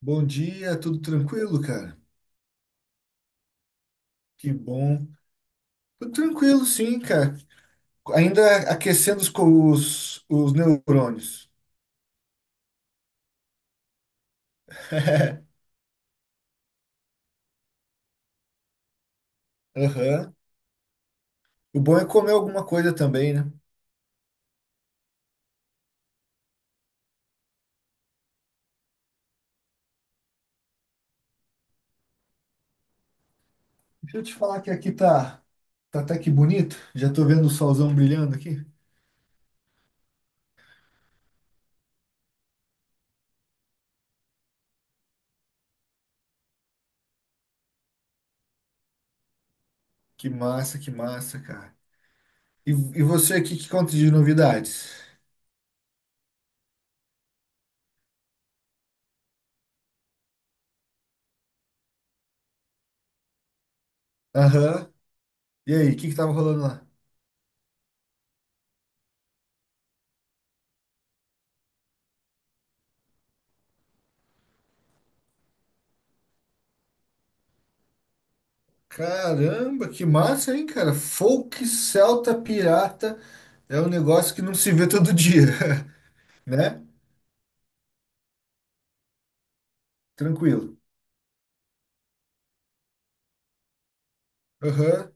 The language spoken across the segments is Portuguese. Bom dia, tudo tranquilo, cara? Que bom. Tudo tranquilo, sim, cara. Ainda aquecendo os, os neurônios. Aham. O bom é comer alguma coisa também, né? Deixa eu te falar que aqui tá, tá até que bonito. Já tô vendo o solzão brilhando aqui. Que massa, cara. E você aqui, que conta de novidades? Aham. E aí, o que que tava rolando lá? Caramba, que massa, hein, cara? Folk Celta Pirata é um negócio que não se vê todo dia, né? Tranquilo. Aham,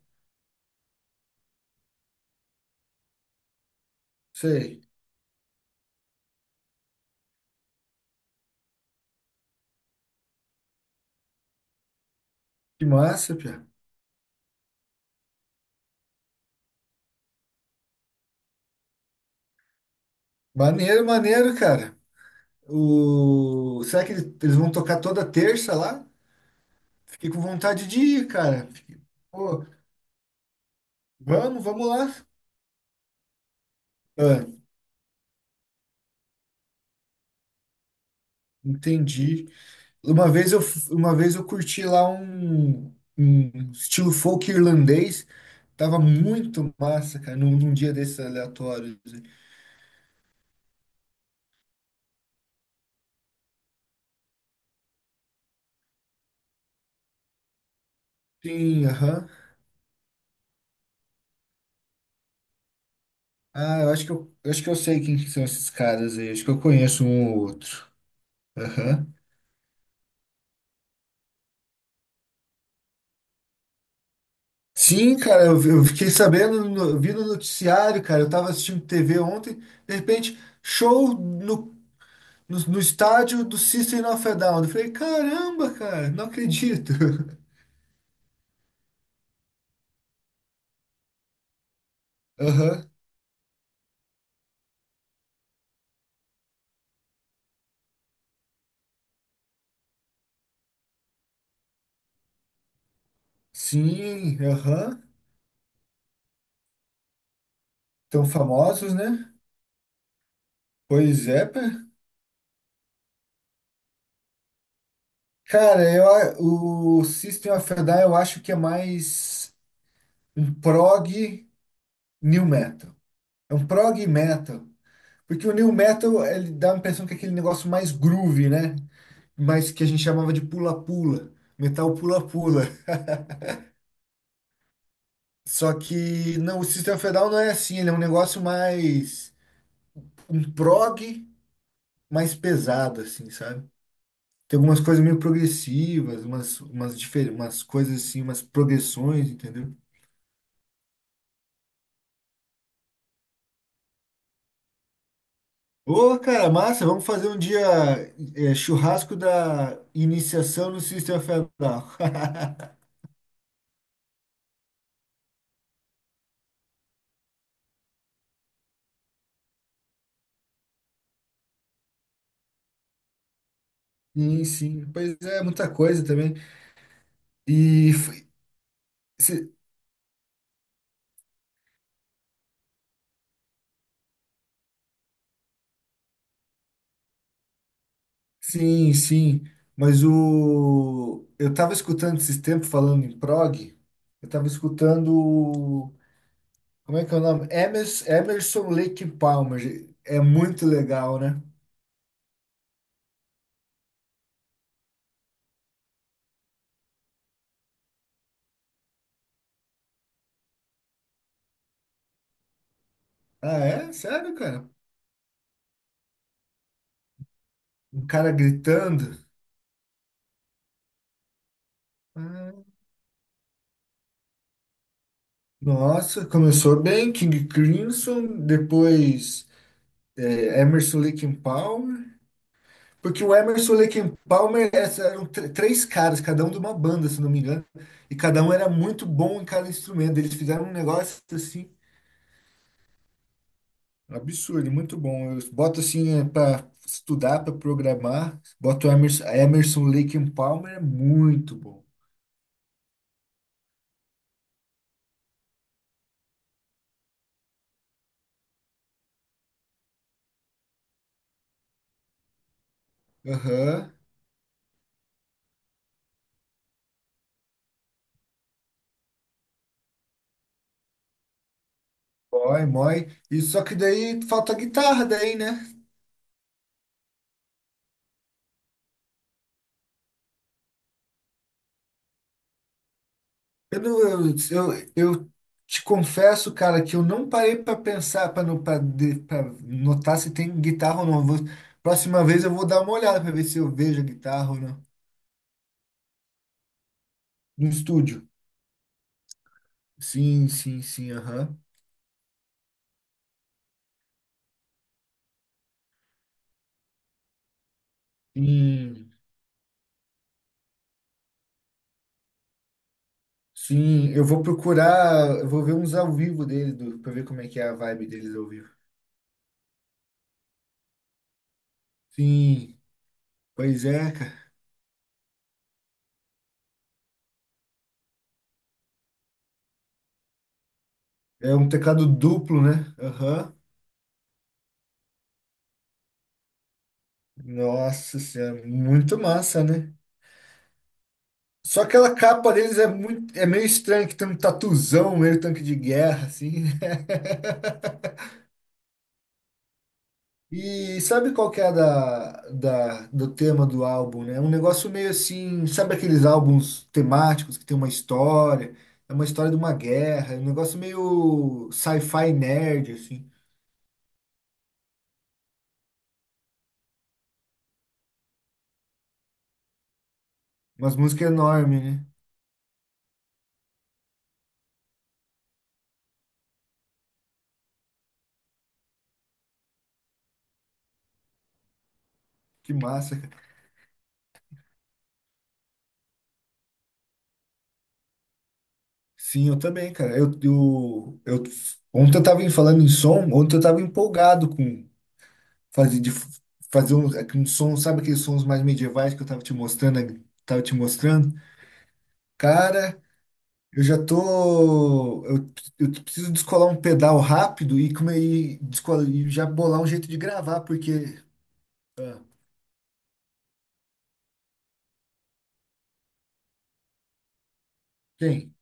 sei. Que massa, Pia. Maneiro, maneiro, cara. O... Será que eles vão tocar toda terça lá? Fiquei com vontade de ir, cara. Fiquei- Pô, vamos, vamos lá. Ah, entendi. Uma vez eu curti lá um estilo folk irlandês. Tava muito massa, cara, num dia desses aleatórios assim. Sim, aham. Ah, eu acho que eu sei quem que são esses caras aí. Acho que eu conheço um ou outro. Aham. Sim, cara, eu fiquei sabendo, eu vi no noticiário, cara. Eu tava assistindo TV ontem, de repente, show no estádio do System of a Down. Eu falei, caramba, cara, não acredito. Aham. Sim, aham. Tão famosos, né? Pois é, pá. Cara, o System of a Down eu acho que é mais um prog new metal. É um prog metal. Porque o new metal, ele dá a impressão que é aquele negócio mais groove, né? Mas que a gente chamava de pula-pula. Metal pula-pula. Só que não, o System of a Down não é assim. Ele é um negócio mais... Um prog mais pesado, assim, sabe? Tem algumas coisas meio progressivas, umas coisas assim, umas progressões, entendeu? Ô, cara, massa, vamos fazer um dia churrasco da iniciação no System of a Down. Sim, sim, pois é, muita coisa também. E f- se- sim, mas o eu tava escutando esses tempos falando em prog, eu tava escutando como é que é o nome? Emerson Lake Palmer. É muito legal, né? Ah, é? Sério, cara? Um cara gritando? Ah, nossa, começou bem, King Crimson, depois Emerson, Lake and Palmer. Porque o Emerson, Lake and Palmer eram três caras, cada um de uma banda, se não me engano. E cada um era muito bom em cada instrumento. Eles fizeram um negócio assim, absurdo, muito bom. Eu boto assim para estudar, para programar. Boto Emerson, Lake and Palmer, é muito bom. Aham. Mói, mói. E só que daí falta guitarra daí, né? Eu, não- eu, eu te confesso, cara, que eu não parei pra pensar, pra no- pra de- pra notar se tem guitarra ou não. Vou- próxima vez eu vou dar uma olhada pra ver se eu vejo a guitarra ou não. No estúdio. Sim, sim, sim, aham. Sim, sim, eu vou procurar, eu vou ver uns ao vivo dele, do, pra ver como é que é a vibe deles ao vivo. Sim, pois é, cara. É um teclado duplo, né? Aham. Nossa senhora, muito massa, né? Só aquela capa deles é muito, é meio estranho, que tem um tatuzão, meio tanque de guerra, assim, né? E sabe qual que é a do tema do álbum, né? É um negócio meio assim, sabe aqueles álbuns temáticos que tem uma história, é uma história de uma guerra, é um negócio meio sci-fi nerd, assim. Umas músicas enormes, né? Que massa, cara. Sim, eu também, cara. Ontem eu tava falando em som, ontem eu tava empolgado com fazer de fazer um, aquele som, sabe aqueles sons mais medievais que eu tava te mostrando, tava te mostrando? Cara, eu já tô, eu preciso descolar um pedal rápido e como aí descolar e já bolar um jeito de gravar, porque tem.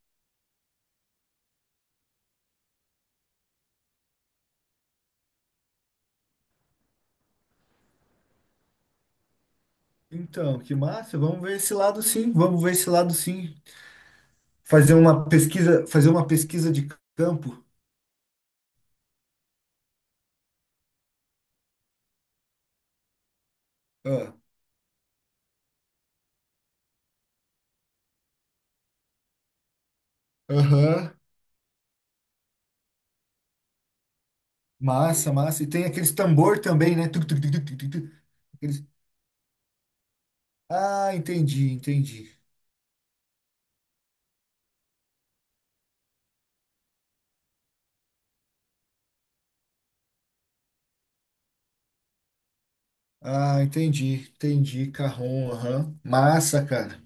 Então, que massa, vamos ver esse lado sim, vamos ver esse lado sim. Fazer uma pesquisa de campo. Ah, aham. Massa, massa. E tem aqueles tambor também, né? Tuc, tuc, tuc, tuc, tuc, tuc, tuc. Aqueles... Ah, entendi, entendi. Ah, entendi, entendi, carrom, aham. Massa, cara.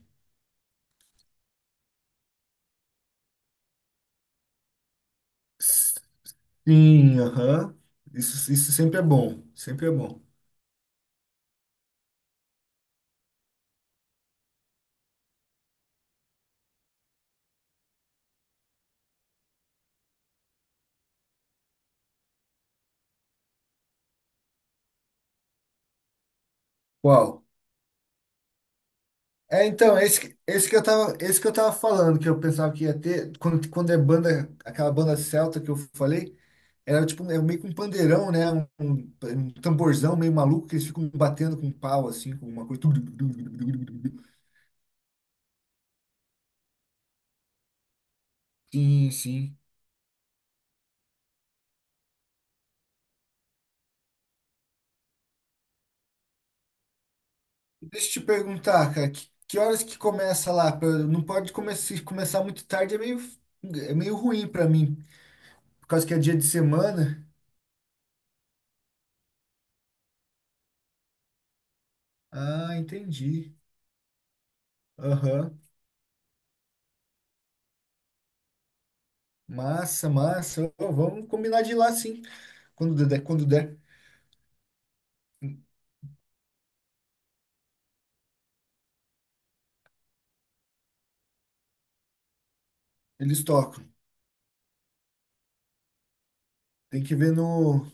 Sim, aham. Isso sempre é bom, sempre é bom. Qual? É, então, esse que eu tava falando, que eu pensava que ia ter, quando, quando é banda, aquela banda celta que eu falei, era tipo, é meio que um pandeirão, né? Um tamborzão meio maluco que eles ficam batendo com pau, assim, com uma coisa. Sim, sim. Deixa eu te perguntar, cara, que horas que começa lá? Se começar muito tarde, é meio ruim pra mim, por causa que é dia de semana. Ah, entendi. Aham. Massa, massa. Ô, vamos combinar de ir lá sim, quando der, quando der. Eles tocam. Tem que ver no.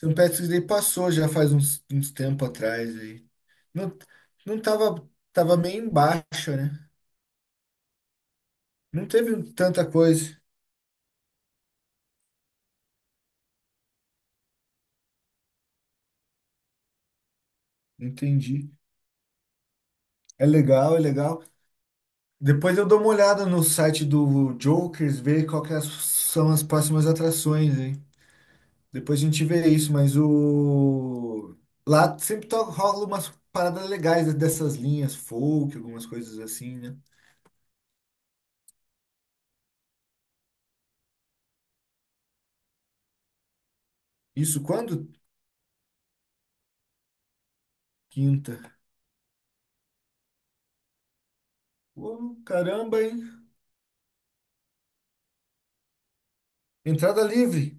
St. Patrick's Day passou já faz uns, uns tempo atrás aí. Não, não tava, tava meio embaixo, né? Não teve tanta coisa. Entendi. É legal, é legal. Depois eu dou uma olhada no site do Jokers, ver qual que é as- são as próximas atrações, hein? Depois a gente vê isso, mas o... Lá sempre rola umas paradas legais dessas linhas folk, algumas coisas assim, né? Isso quando? Quinta. Ô, caramba, hein? Entrada livre.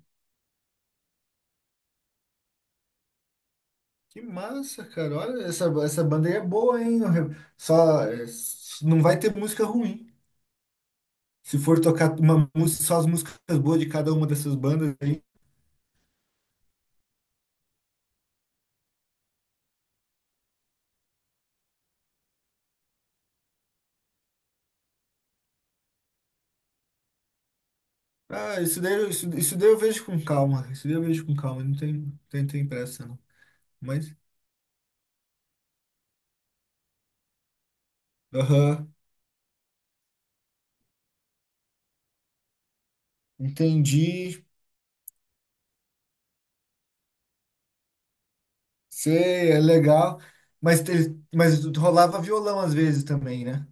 Que massa, cara. Olha, essa banda aí é boa, hein? Não vai ter música ruim. Se for tocar uma música, só as músicas boas de cada uma dessas bandas. Ah, isso, isso daí eu vejo com calma. Isso daí eu vejo com calma. Não tem, tem, tem pressa, não. Mas, aham, entendi. Sei, é legal. Mas, mas rolava violão às vezes também, né?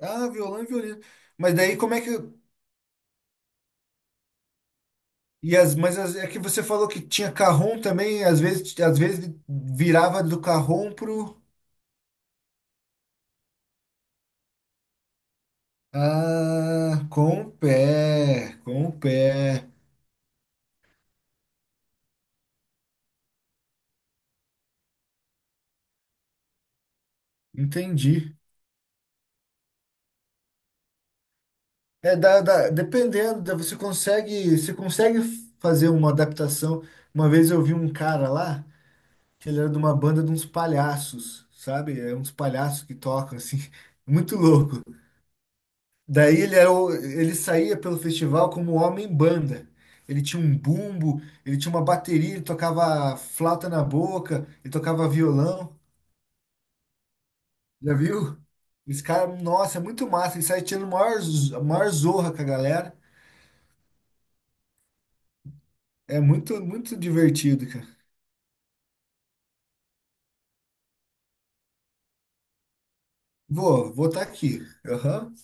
Ah, violão e violino. Mas daí como é que. É que você falou que tinha carrom também, às vezes virava do carrom pro. Ah, com o pé, com o pé. Entendi. Dependendo, dá- você consegue fazer uma adaptação. Uma vez eu vi um cara lá, que ele era de uma banda de uns palhaços, sabe? É uns palhaços que tocam, assim, muito louco. Daí ele era, o- ele saía pelo festival como homem-banda. Ele tinha um bumbo, ele tinha uma bateria, ele tocava flauta na boca, ele tocava violão. Já viu? Esse cara, nossa, é muito massa. Ele sai tirando maior, maior zorra com a galera. É muito, muito divertido, cara. Vou, vou estar aqui. Aham.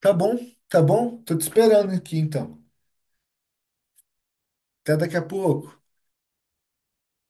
Tá bom, tá bom. Tô te esperando aqui então. Até daqui a pouco.